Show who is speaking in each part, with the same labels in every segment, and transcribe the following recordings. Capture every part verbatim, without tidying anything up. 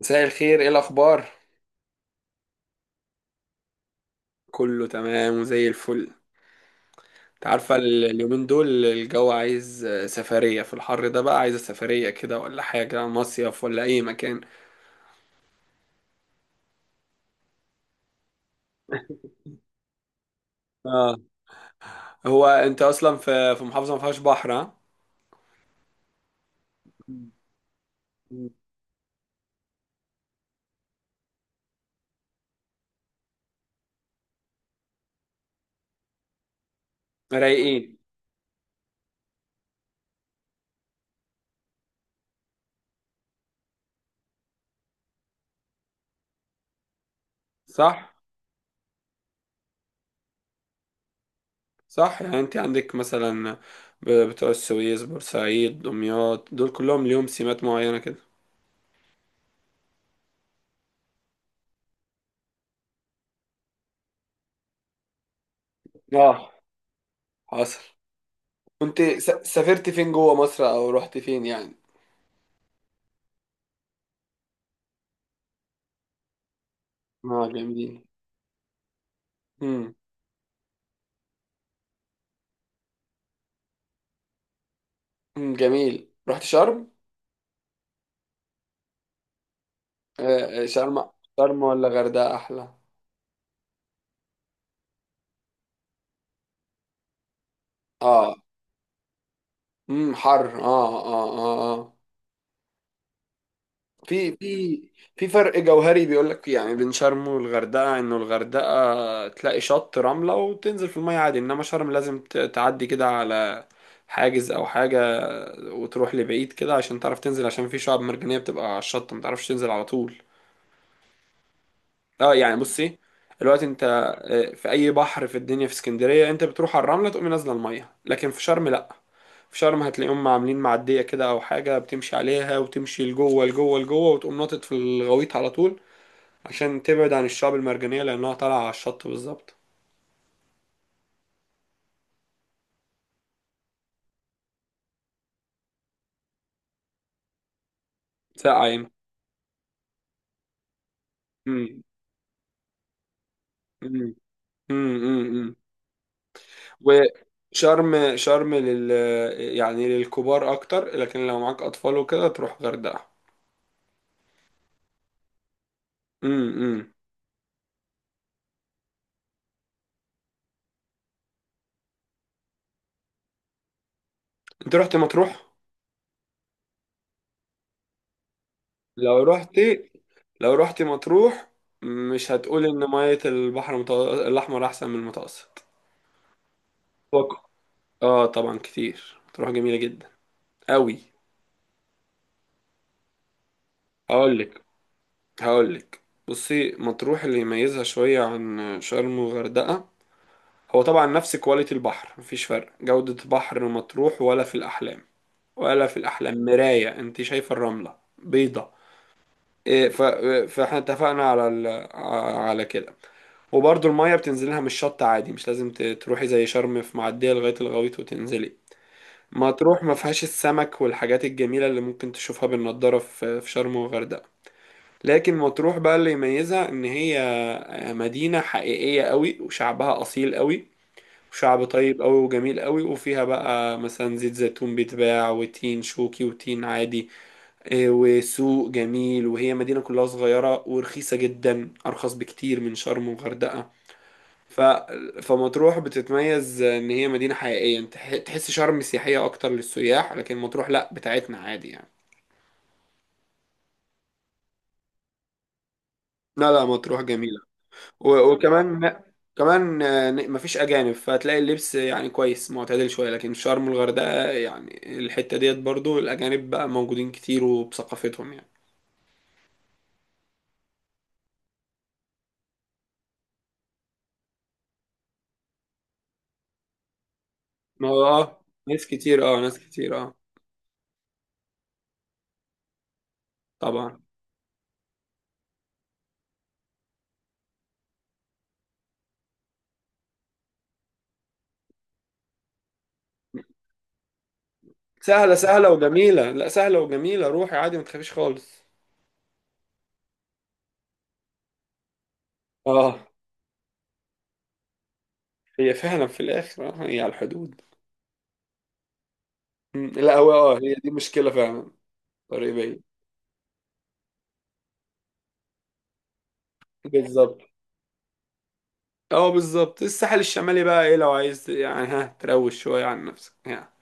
Speaker 1: مساء الخير، ايه الاخبار؟ كله تمام وزي الفل. انت عارفه، ال- اليومين دول الجو عايز آه، سفريه، في الحر ده بقى، عايز سفريه كده ولا حاجه، مصيف ولا اي مكان؟ اه. هو انت اصلا في في محافظه ما فيهاش بحر، ها؟ مم. رايقين. صح صح، يعني انت عندك مثلا ب- بتوع السويس، بورسعيد، دمياط، دول كلهم ليهم سمات معينه كده. اه، حصل. كنت س- سافرت فين جوه مصر او رحت فين يعني؟ اه، جميل. مم، جميل. رحت شرم؟ آه، آه، شرم. شرم ولا غردقة أحلى؟ اه. امم حر، اه اه اه. اه، في في في فرق جوهري بيقول لك يعني بين شرم والغردقة، انه الغردقة تلاقي شط رملة وتنزل في المية عادي، انما شرم لازم ت- تعدي كده على حاجز او حاجة، وتروح لبعيد كده عشان تعرف تنزل، عشان في شعاب مرجانية بتبقى على الشط ما تعرفش تنزل على طول. اه يعني، بصي. دلوقتي انت آه، في اي بحر في الدنيا، في اسكندريه انت بتروح على الرمله تقوم نازله الميه، لكن في شرم لا. في شرم هتلاقيهم عاملين معديه كده او حاجه بتمشي عليها، وتمشي لجوه لجوه لجوه، وتقوم ناطط في الغويط على طول عشان تبعد عن الشعب المرجانيه، لانها طالعه على الشط بالظبط. ساقعه يمكن. مم. مم. مم. مم. مم. وشرم، شرم لل يعني للكبار اكتر، لكن لو معاك اطفال وكده تروح غردقه. امم. انت رحت مطروح؟ لو رحت لو رحت مطروح مش هتقول ان مية البحر المت... الاحمر احسن من المتوسط. وك- اه، طبعا كتير، مطروح جميلة جدا قوي. هقولك هقولك، بصي. مطروح اللي يميزها شوية عن شرم وغردقة هو طبعا نفس كواليتي البحر، مفيش فرق. جودة بحر مطروح ولا في الأحلام، ولا في الأحلام. مراية، انت شايفة الرملة بيضة. إيه، ف- فاحنا اتفقنا على ال... ع- على كده. وبرضو المية بتنزلها من الشط عادي، مش لازم ت- تروحي زي شرم في معدية لغاية الغويط وتنزلي. مطروح ما فيهاش السمك والحاجات الجميلة اللي ممكن تشوفها بالنضارة في في شرم وغردقة. لكن مطروح بقى اللي يميزها ان هي مدينة حقيقية قوي، وشعبها اصيل قوي، وشعب طيب قوي وجميل قوي، وفيها بقى مثلا زيت زيتون بيتباع، وتين شوكي، وتين عادي، آه، وسوق جميل. وهي مدينة كلها صغيرة ورخيصة جدا، أرخص بكتير من شرم وغردقة. ف... فمطروح بتتميز إن هي مدينة حقيقية. أنت تح- تحس شرم سياحية أكتر للسياح، لكن مطروح لأ، بتاعتنا عادي يعني. لا لا، مطروح جميلة. و... وكمان، كمان آه، مفيش أجانب، فتلاقي اللبس يعني كويس معتدل شوية، لكن شرم والغردقة يعني الحتة ديت برضو الأجانب بقى موجودين كتير وبثقافتهم يعني. ما هو اه، ناس كتير اه، ناس كتير اه، طبعا. سهلة سهلة وجميلة، لا سهلة وجميلة، روحي عادي ما تخافيش خالص. اه، هي فعلا في الآخر، آه، هي على الحدود. مم، لا هو اه، هي دي مشكلة فعلا، طريق بعيد. بالظبط. اه بالظبط. الساحل الشمالي بقى ايه، لو عايز يعني ها تروش شوية عن نفسك يعني.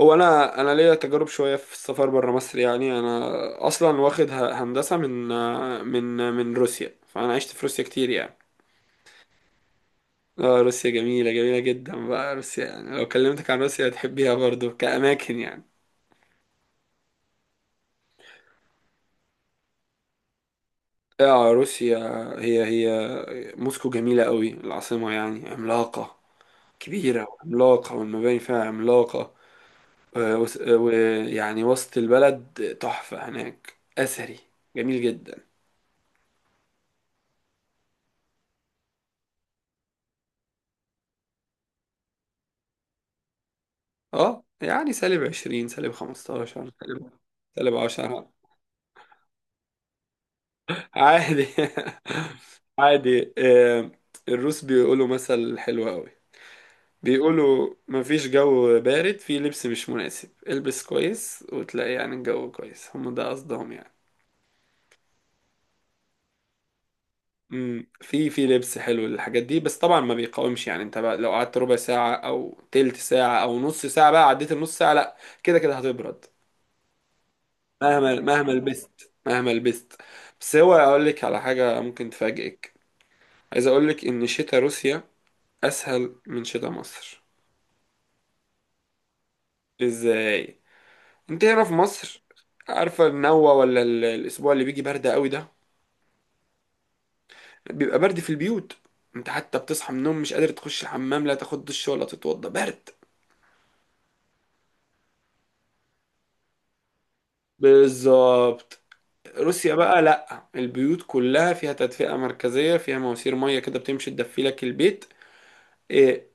Speaker 1: هو انا انا ليا تجارب شوية في السفر بره مصر يعني. انا اصلا واخد ه- هندسة من آه، من آه، من روسيا، فانا عشت في روسيا كتير يعني. اه، روسيا جميلة، جميلة جدا بقى روسيا يعني. لو كلمتك عن روسيا هتحبيها برضو كأماكن يعني. اه روسيا، هي هي موسكو جميلة قوي، العاصمة يعني عملاقة، كبيرة وعملاقة، والمباني فيها عملاقة، آه، وس- آه، ويعني وسط البلد تحفة هناك، أثري، جميل جدا. اه يعني، سالب عشرين، سالب خمستاشر، سالب سالب عشرة. عادي. عادي. آه، الروس بيقولوا مثل حلو قوي، بيقولوا مفيش جو بارد، في لبس مش مناسب، البس كويس وتلاقي يعني الجو كويس. هم ده قصدهم يعني. امم في في لبس حلو للحاجات دي، بس طبعا ما بيقاومش. يعني انت بقى لو قعدت ربع ساعة او تلت ساعة او نص ساعة، بقى عديت النص ساعة لا، كده كده هتبرد، مهما مهما لبست، مهما لبست. بس هو، اقول لك على حاجة ممكن تفاجئك. عايز اقول لك ان شتاء روسيا اسهل من شتاء مصر. ازاي؟ انت هنا في مصر، عارفة النوة ولا ال- الأسبوع اللي بيجي برد قوي ده، بيبقى برد في البيوت، انت حتى بتصحى من النوم مش قادر تخش الحمام، لا تاخد دش ولا تتوضى، برد. بالظبط. روسيا بقى لأ، البيوت كلها فيها تدفئة مركزية، فيها مواسير مية كده بتمشي تدفي لك البيت. إيه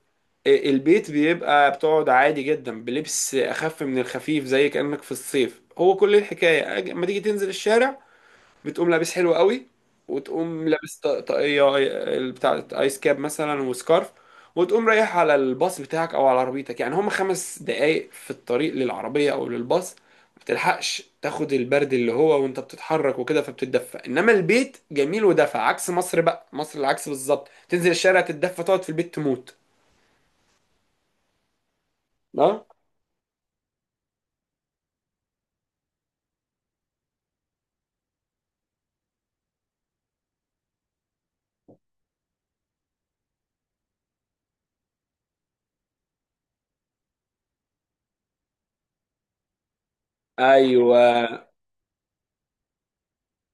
Speaker 1: إيه البيت بيبقى بتقعد عادي جدا بلبس أخف من الخفيف، زي كأنك في الصيف. هو كل الحكاية أج- اما تيجي تنزل الشارع، بتقوم لابس حلو قوي، وتقوم لابس ط- طاقية، ال- بتاع ايس كاب مثلا، وسكارف، وتقوم رايح على الباص بتاعك او على عربيتك، يعني هم خمس دقايق في الطريق للعربية او للباص. ما بتلحقش تاخد البرد، اللي هو وانت بتتحرك وكده فبتتدفى. انما البيت جميل ودفى، عكس مصر بقى. مصر العكس بالظبط، تنزل الشارع تتدفى، تقعد في البيت تموت. اه ايوه،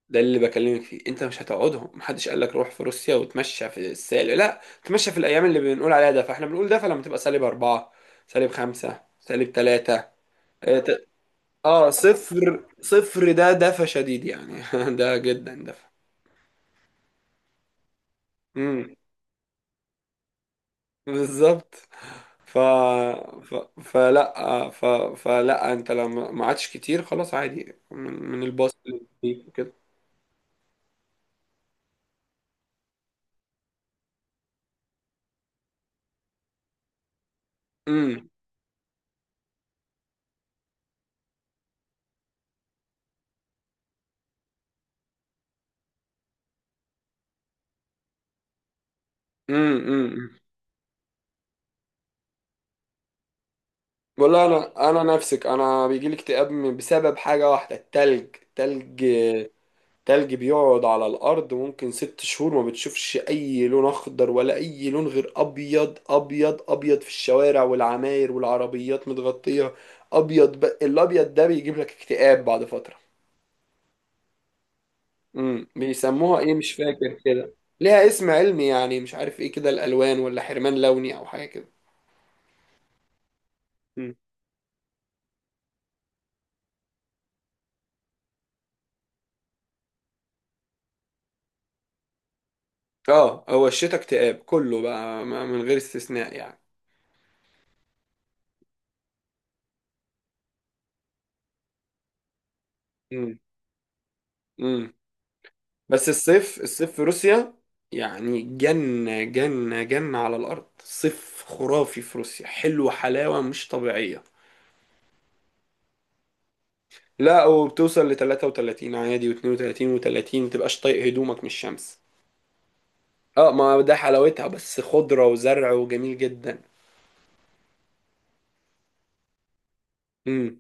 Speaker 1: ده اللي بكلمك فيه. انت مش هتقعدهم، محدش قال لك روح في روسيا وتمشى في السالب، لا تمشى في الايام اللي بنقول عليها ده. فاحنا بنقول ده فلما تبقى سالب أربعة، سالب خمسة، سالب تلاتة. اه، ت- آه، صفر صفر ده دفى شديد يعني. ده جدا دفى. امم. بالظبط. ف... ف... فلا آه، ف... فلا انت لما ما عادش كتير خلاص عادي من, من الباص اللي بيك وكده. امم، امم، امم. والله انا، انا نفسك. انا بيجي لي اكتئاب من- بسبب حاجه واحده، التلج. تلج تلج بيقعد على الارض ممكن ست شهور، ما بتشوفش اي لون اخضر ولا اي لون غير ابيض ابيض ابيض، في الشوارع والعماير والعربيات متغطيه ابيض. ب... الابيض ده بيجيب لك اكتئاب بعد فتره. امم، بيسموها ايه، مش فاكر كده، ليها اسم علمي يعني، مش عارف ايه كده، الالوان ولا حرمان لوني او حاجه كده. مم. اه، هو الشتاء اكتئاب كله بقى، ما- من غير استثناء يعني. امم. بس الصيف، الصيف في روسيا يعني جنة جنة جنة على الأرض، صيف خرافي في روسيا، حلو حلاوة مش طبيعية. لا، وبتوصل ل تلاتة وتلاتين عادي، واتنين وتلاتين وتلاتين، متبقاش طايق هدومك من الشمس. اه، ما ده حلاوتها، بس خضرة وزرع وجميل جدا. امم.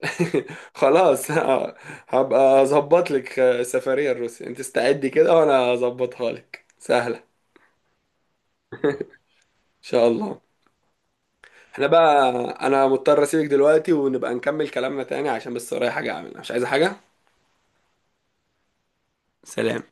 Speaker 1: خلاص. آه، هبقى اظبط لك آه، سفرية لروسيا، انت استعدي كده وانا اظبطها لك، سهلة ان شاء الله. احنا بقى، انا مضطر اسيبك دلوقتي ونبقى نكمل كلامنا تاني، عشان بس ورايا حاجة اعملها، مش عايزة حاجة. سلام.